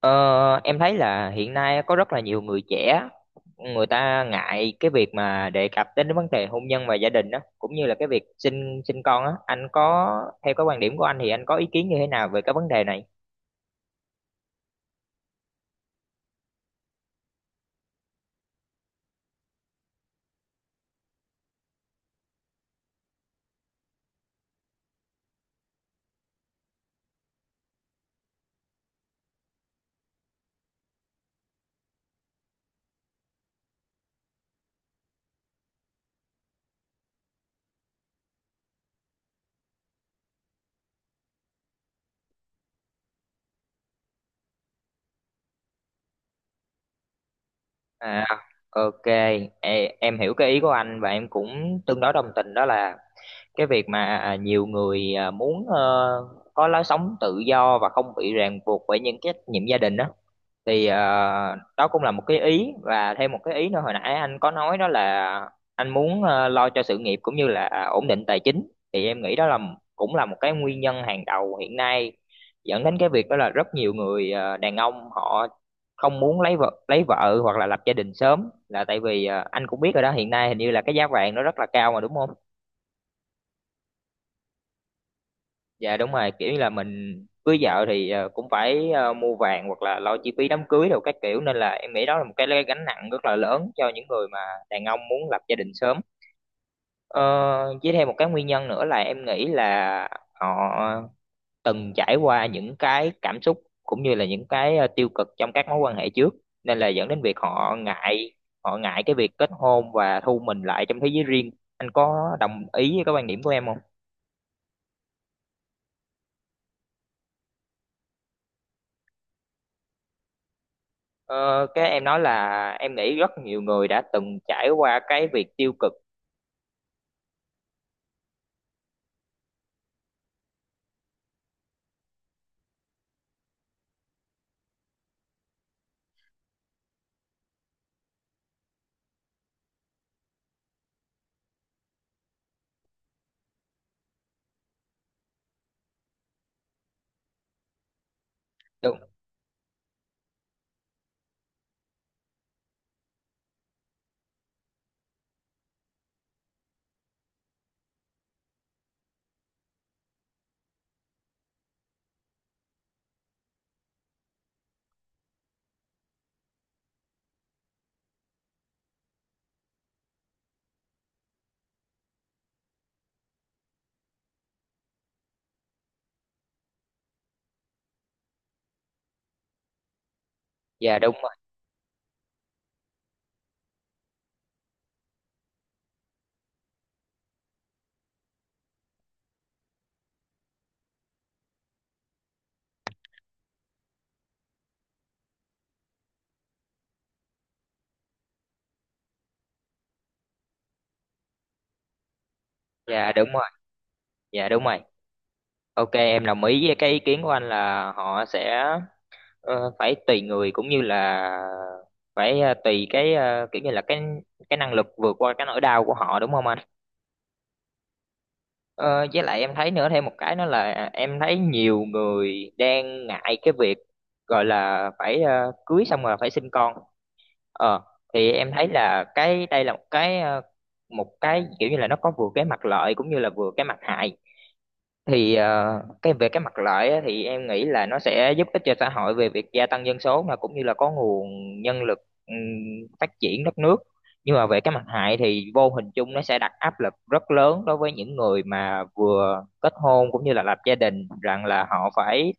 Ờ, em thấy là hiện nay có rất là nhiều người trẻ người ta ngại cái việc mà đề cập đến vấn đề hôn nhân và gia đình đó, cũng như là cái việc sinh sinh con á. Anh có, theo cái quan điểm của anh thì anh có ý kiến như thế nào về cái vấn đề này? À, ok. Ê, em hiểu cái ý của anh và em cũng tương đối đồng tình, đó là cái việc mà nhiều người muốn có lối sống tự do và không bị ràng buộc bởi những cái trách nhiệm gia đình đó, thì đó cũng là một cái ý. Và thêm một cái ý nữa hồi nãy anh có nói đó là anh muốn lo cho sự nghiệp cũng như là ổn định tài chính, thì em nghĩ đó là cũng là một cái nguyên nhân hàng đầu hiện nay dẫn đến cái việc đó là rất nhiều người đàn ông họ không muốn lấy vợ hoặc là lập gia đình sớm, là tại vì anh cũng biết rồi đó, hiện nay hình như là cái giá vàng nó rất là cao mà, đúng không? Dạ đúng rồi, kiểu như là mình cưới vợ thì cũng phải mua vàng hoặc là lo chi phí đám cưới đồ các kiểu, nên là em nghĩ đó là một cái gánh nặng rất là lớn cho những người mà đàn ông muốn lập gia đình sớm. ờ, với thêm một cái nguyên nhân nữa là em nghĩ là họ từng trải qua những cái cảm xúc cũng như là những cái tiêu cực trong các mối quan hệ trước, nên là dẫn đến việc họ ngại, họ ngại cái việc kết hôn và thu mình lại trong thế giới riêng. Anh có đồng ý với cái quan điểm của em không? Ờ, cái em nói là em nghĩ rất nhiều người đã từng trải qua cái việc tiêu cực. Đúng. Dạ đúng rồi. Dạ đúng rồi. Dạ đúng rồi, ok, em đồng ý với cái ý kiến của anh là họ sẽ phải tùy người, cũng như là phải tùy cái kiểu như là cái năng lực vượt qua cái nỗi đau của họ, đúng không anh? Ờ, với lại em thấy nữa, thêm một cái nữa là em thấy nhiều người đang ngại cái việc gọi là phải cưới xong rồi phải sinh con. Ờ, thì em thấy là cái đây là một cái một cái kiểu như là nó có vừa cái mặt lợi cũng như là vừa cái mặt hại. Thì cái về cái mặt lợi á, thì em nghĩ là nó sẽ giúp ích cho xã hội về việc gia tăng dân số, mà cũng như là có nguồn nhân lực, ừm, phát triển đất nước. Nhưng mà về cái mặt hại thì vô hình chung nó sẽ đặt áp lực rất lớn đối với những người mà vừa kết hôn cũng như là lập gia đình, rằng là họ phải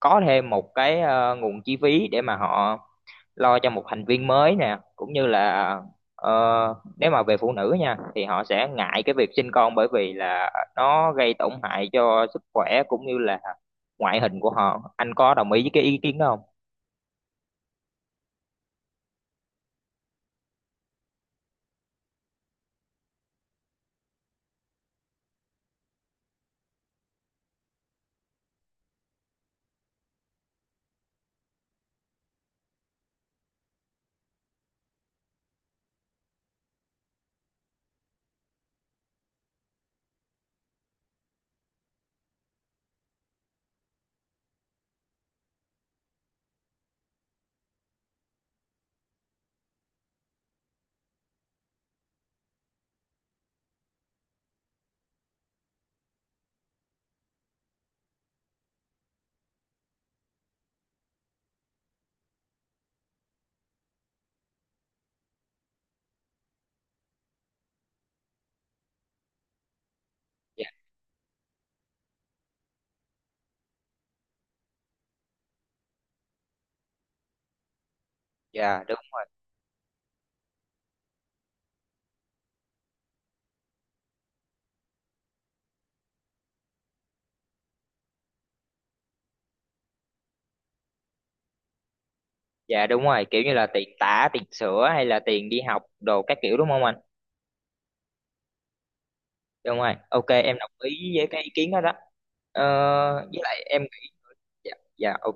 có thêm một cái nguồn chi phí để mà họ lo cho một thành viên mới nè, cũng như là ờ, nếu mà về phụ nữ nha thì họ sẽ ngại cái việc sinh con, bởi vì là nó gây tổn hại cho sức khỏe cũng như là ngoại hình của họ. Anh có đồng ý với cái ý kiến đó không? Dạ. Dạ đúng rồi. Dạ đúng rồi, kiểu như là tiền tả, tiền sữa hay là tiền đi học đồ các kiểu, đúng không anh? Đúng rồi, ok, em đồng ý với cái ý kiến đó đó. ờ, với lại em, dạ, dạ ok.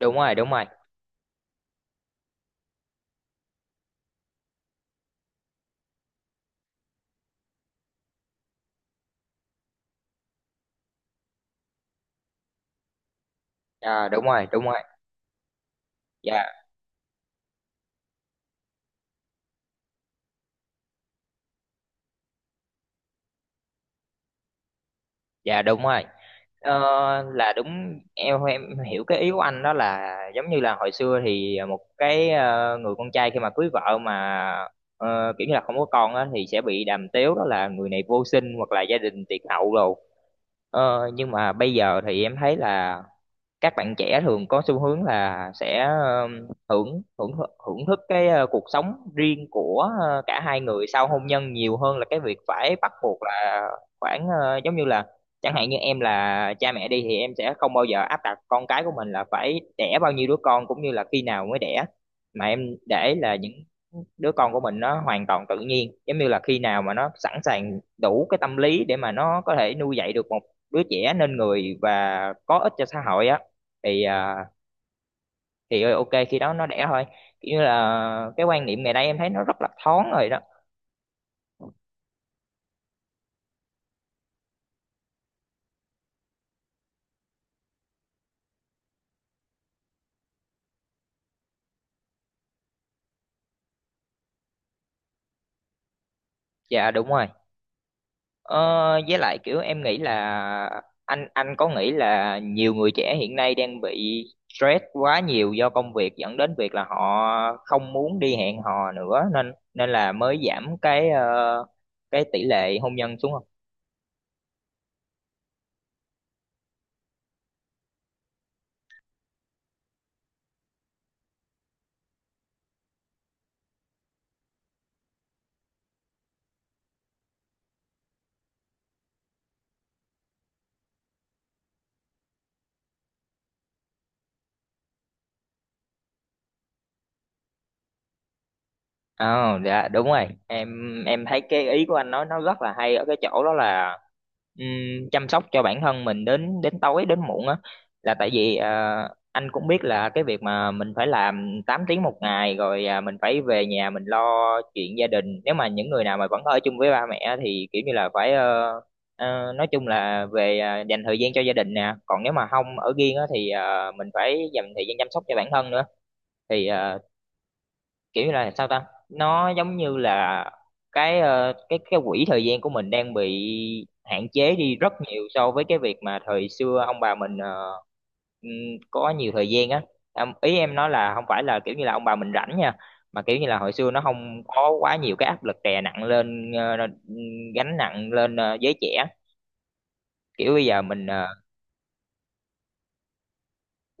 Đúng rồi, đúng rồi. Dạ đúng rồi, đúng rồi. Dạ. Dạ đúng rồi. Ờ, là đúng, em hiểu cái ý của anh đó là giống như là hồi xưa thì một cái người con trai khi mà cưới vợ mà kiểu như là không có con á thì sẽ bị đàm tiếu đó là người này vô sinh hoặc là gia đình tiệt hậu rồi. Ờ, nhưng mà bây giờ thì em thấy là các bạn trẻ thường có xu hướng là sẽ hưởng hưởng hưởng thức cái cuộc sống riêng của cả hai người sau hôn nhân, nhiều hơn là cái việc phải bắt buộc là khoảng giống như là, chẳng hạn như em là cha mẹ đi thì em sẽ không bao giờ áp đặt con cái của mình là phải đẻ bao nhiêu đứa con, cũng như là khi nào mới đẻ, mà em để là những đứa con của mình nó hoàn toàn tự nhiên, giống như là khi nào mà nó sẵn sàng đủ cái tâm lý để mà nó có thể nuôi dạy được một đứa trẻ nên người và có ích cho xã hội á thì thì ok khi đó nó đẻ thôi, kiểu như là cái quan niệm ngày nay em thấy nó rất là thoáng rồi đó. Dạ đúng rồi. ờ, với lại kiểu em nghĩ là anh có nghĩ là nhiều người trẻ hiện nay đang bị stress quá nhiều do công việc dẫn đến việc là họ không muốn đi hẹn hò nữa, nên nên là mới giảm cái cái tỷ lệ hôn nhân xuống? Ờ, dạ đúng rồi. Em thấy cái ý của anh nói nó rất là hay ở cái chỗ đó là chăm sóc cho bản thân mình đến đến tối đến muộn á, là tại vì anh cũng biết là cái việc mà mình phải làm 8 tiếng một ngày rồi, mình phải về nhà mình lo chuyện gia đình. Nếu mà những người nào mà vẫn ở chung với ba mẹ á, thì kiểu như là phải nói chung là về, dành thời gian cho gia đình nè. Còn nếu mà không ở riêng á thì mình phải dành thời gian chăm sóc cho bản thân nữa. Thì kiểu như là sao ta, nó giống như là cái cái quỹ thời gian của mình đang bị hạn chế đi rất nhiều so với cái việc mà thời xưa ông bà mình ừm, có nhiều thời gian á. Em- ý em nói là không phải là kiểu như là ông bà mình rảnh nha, mà kiểu như là hồi xưa nó không có quá nhiều cái áp lực đè nặng lên gánh nặng lên giới trẻ, kiểu bây giờ mình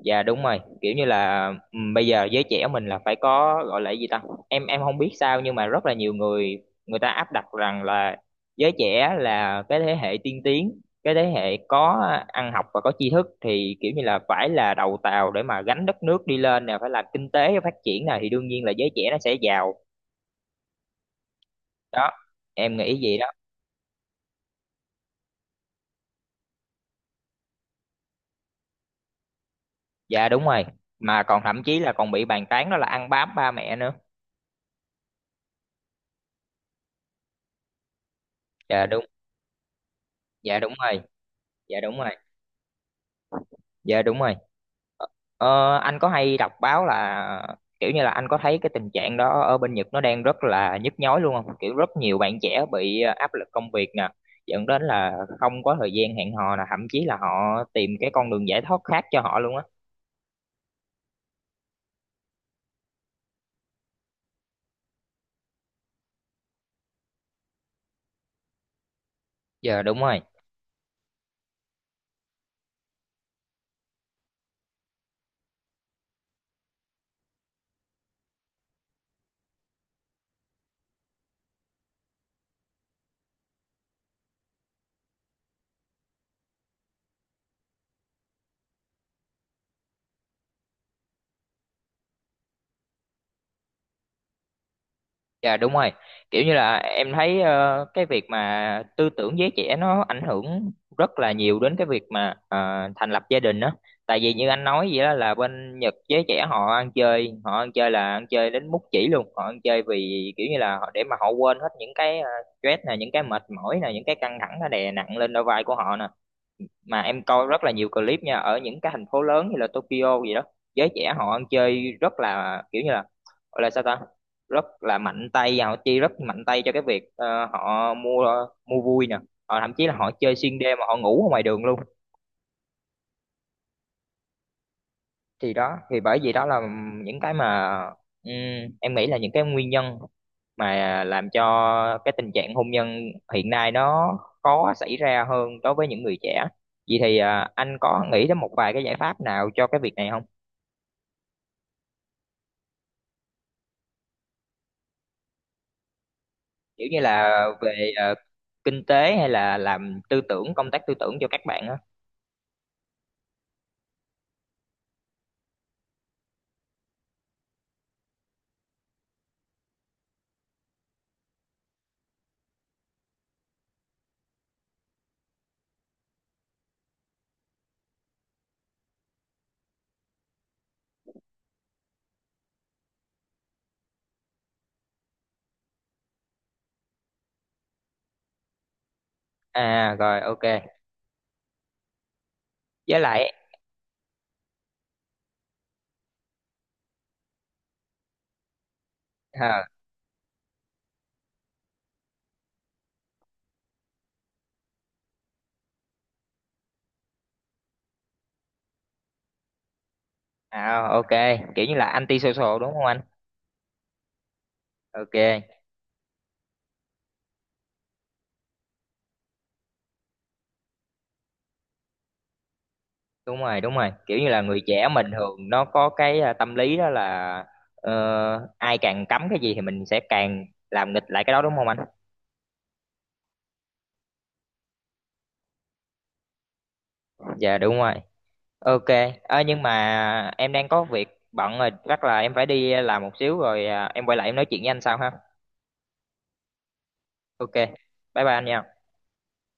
dạ đúng rồi, kiểu như là bây giờ giới trẻ mình là phải có gọi là cái gì ta? Em không biết sao nhưng mà rất là nhiều người người ta áp đặt rằng là giới trẻ là cái thế hệ tiên tiến, cái thế hệ có ăn học và có tri thức, thì kiểu như là phải là đầu tàu để mà gánh đất nước đi lên nè, phải làm kinh tế phát triển nè, thì đương nhiên là giới trẻ nó sẽ giàu. Đó, em nghĩ vậy đó. Dạ đúng rồi. Mà còn thậm chí là còn bị bàn tán đó là ăn bám ba mẹ nữa. Dạ đúng. Dạ đúng rồi. Dạ đúng rồi. Dạ đúng rồi. Ờ, anh có hay đọc báo là kiểu như là anh có thấy cái tình trạng đó ở bên Nhật nó đang rất là nhức nhối luôn không? Kiểu rất nhiều bạn trẻ bị áp lực công việc nè, dẫn đến là không có thời gian hẹn hò nè, thậm chí là họ tìm cái con đường giải thoát khác cho họ luôn á. Giờ đúng rồi. Dạ đúng rồi. Kiểu như là em thấy cái việc mà tư tưởng giới trẻ nó ảnh hưởng rất là nhiều đến cái việc mà thành lập gia đình đó. Tại vì như anh nói vậy đó là bên Nhật giới trẻ họ ăn chơi là ăn chơi đến mút chỉ luôn. Họ ăn chơi vì kiểu như là họ để mà họ quên hết những cái stress nè, những cái mệt mỏi nè, những cái căng thẳng nó đè nặng lên đôi vai của họ nè, mà em coi rất là nhiều clip nha ở những cái thành phố lớn như là Tokyo gì đó, giới trẻ họ ăn chơi rất là kiểu như là, gọi là sao ta, rất là mạnh tay, và họ chi rất mạnh tay cho cái việc họ mua mua vui nè, họ thậm chí là họ chơi xuyên đêm mà họ ngủ ở ngoài đường luôn. Thì đó, thì bởi vì đó là những cái mà ừm, em nghĩ là những cái nguyên nhân mà làm cho cái tình trạng hôn nhân hiện nay nó khó xảy ra hơn đối với những người trẻ. Vậy thì anh có nghĩ đến một vài cái giải pháp nào cho cái việc này không, kiểu như là về kinh tế hay là làm tư tưởng công tác tư tưởng cho các bạn á? À rồi, ok. Với lại, à, à ok, kiểu như là anti social đúng không anh? Ok. Đúng rồi, đúng rồi, kiểu như là người trẻ mình thường nó có cái tâm lý đó là ờ, ai càng cấm cái gì thì mình sẽ càng làm nghịch lại cái đó, đúng không anh? Dạ đúng rồi. Ok. Ơ nhưng mà em đang có việc bận rồi, chắc là em phải đi làm một xíu rồi, em quay lại em nói chuyện với anh sau ha. Ok. Bye bye anh nha.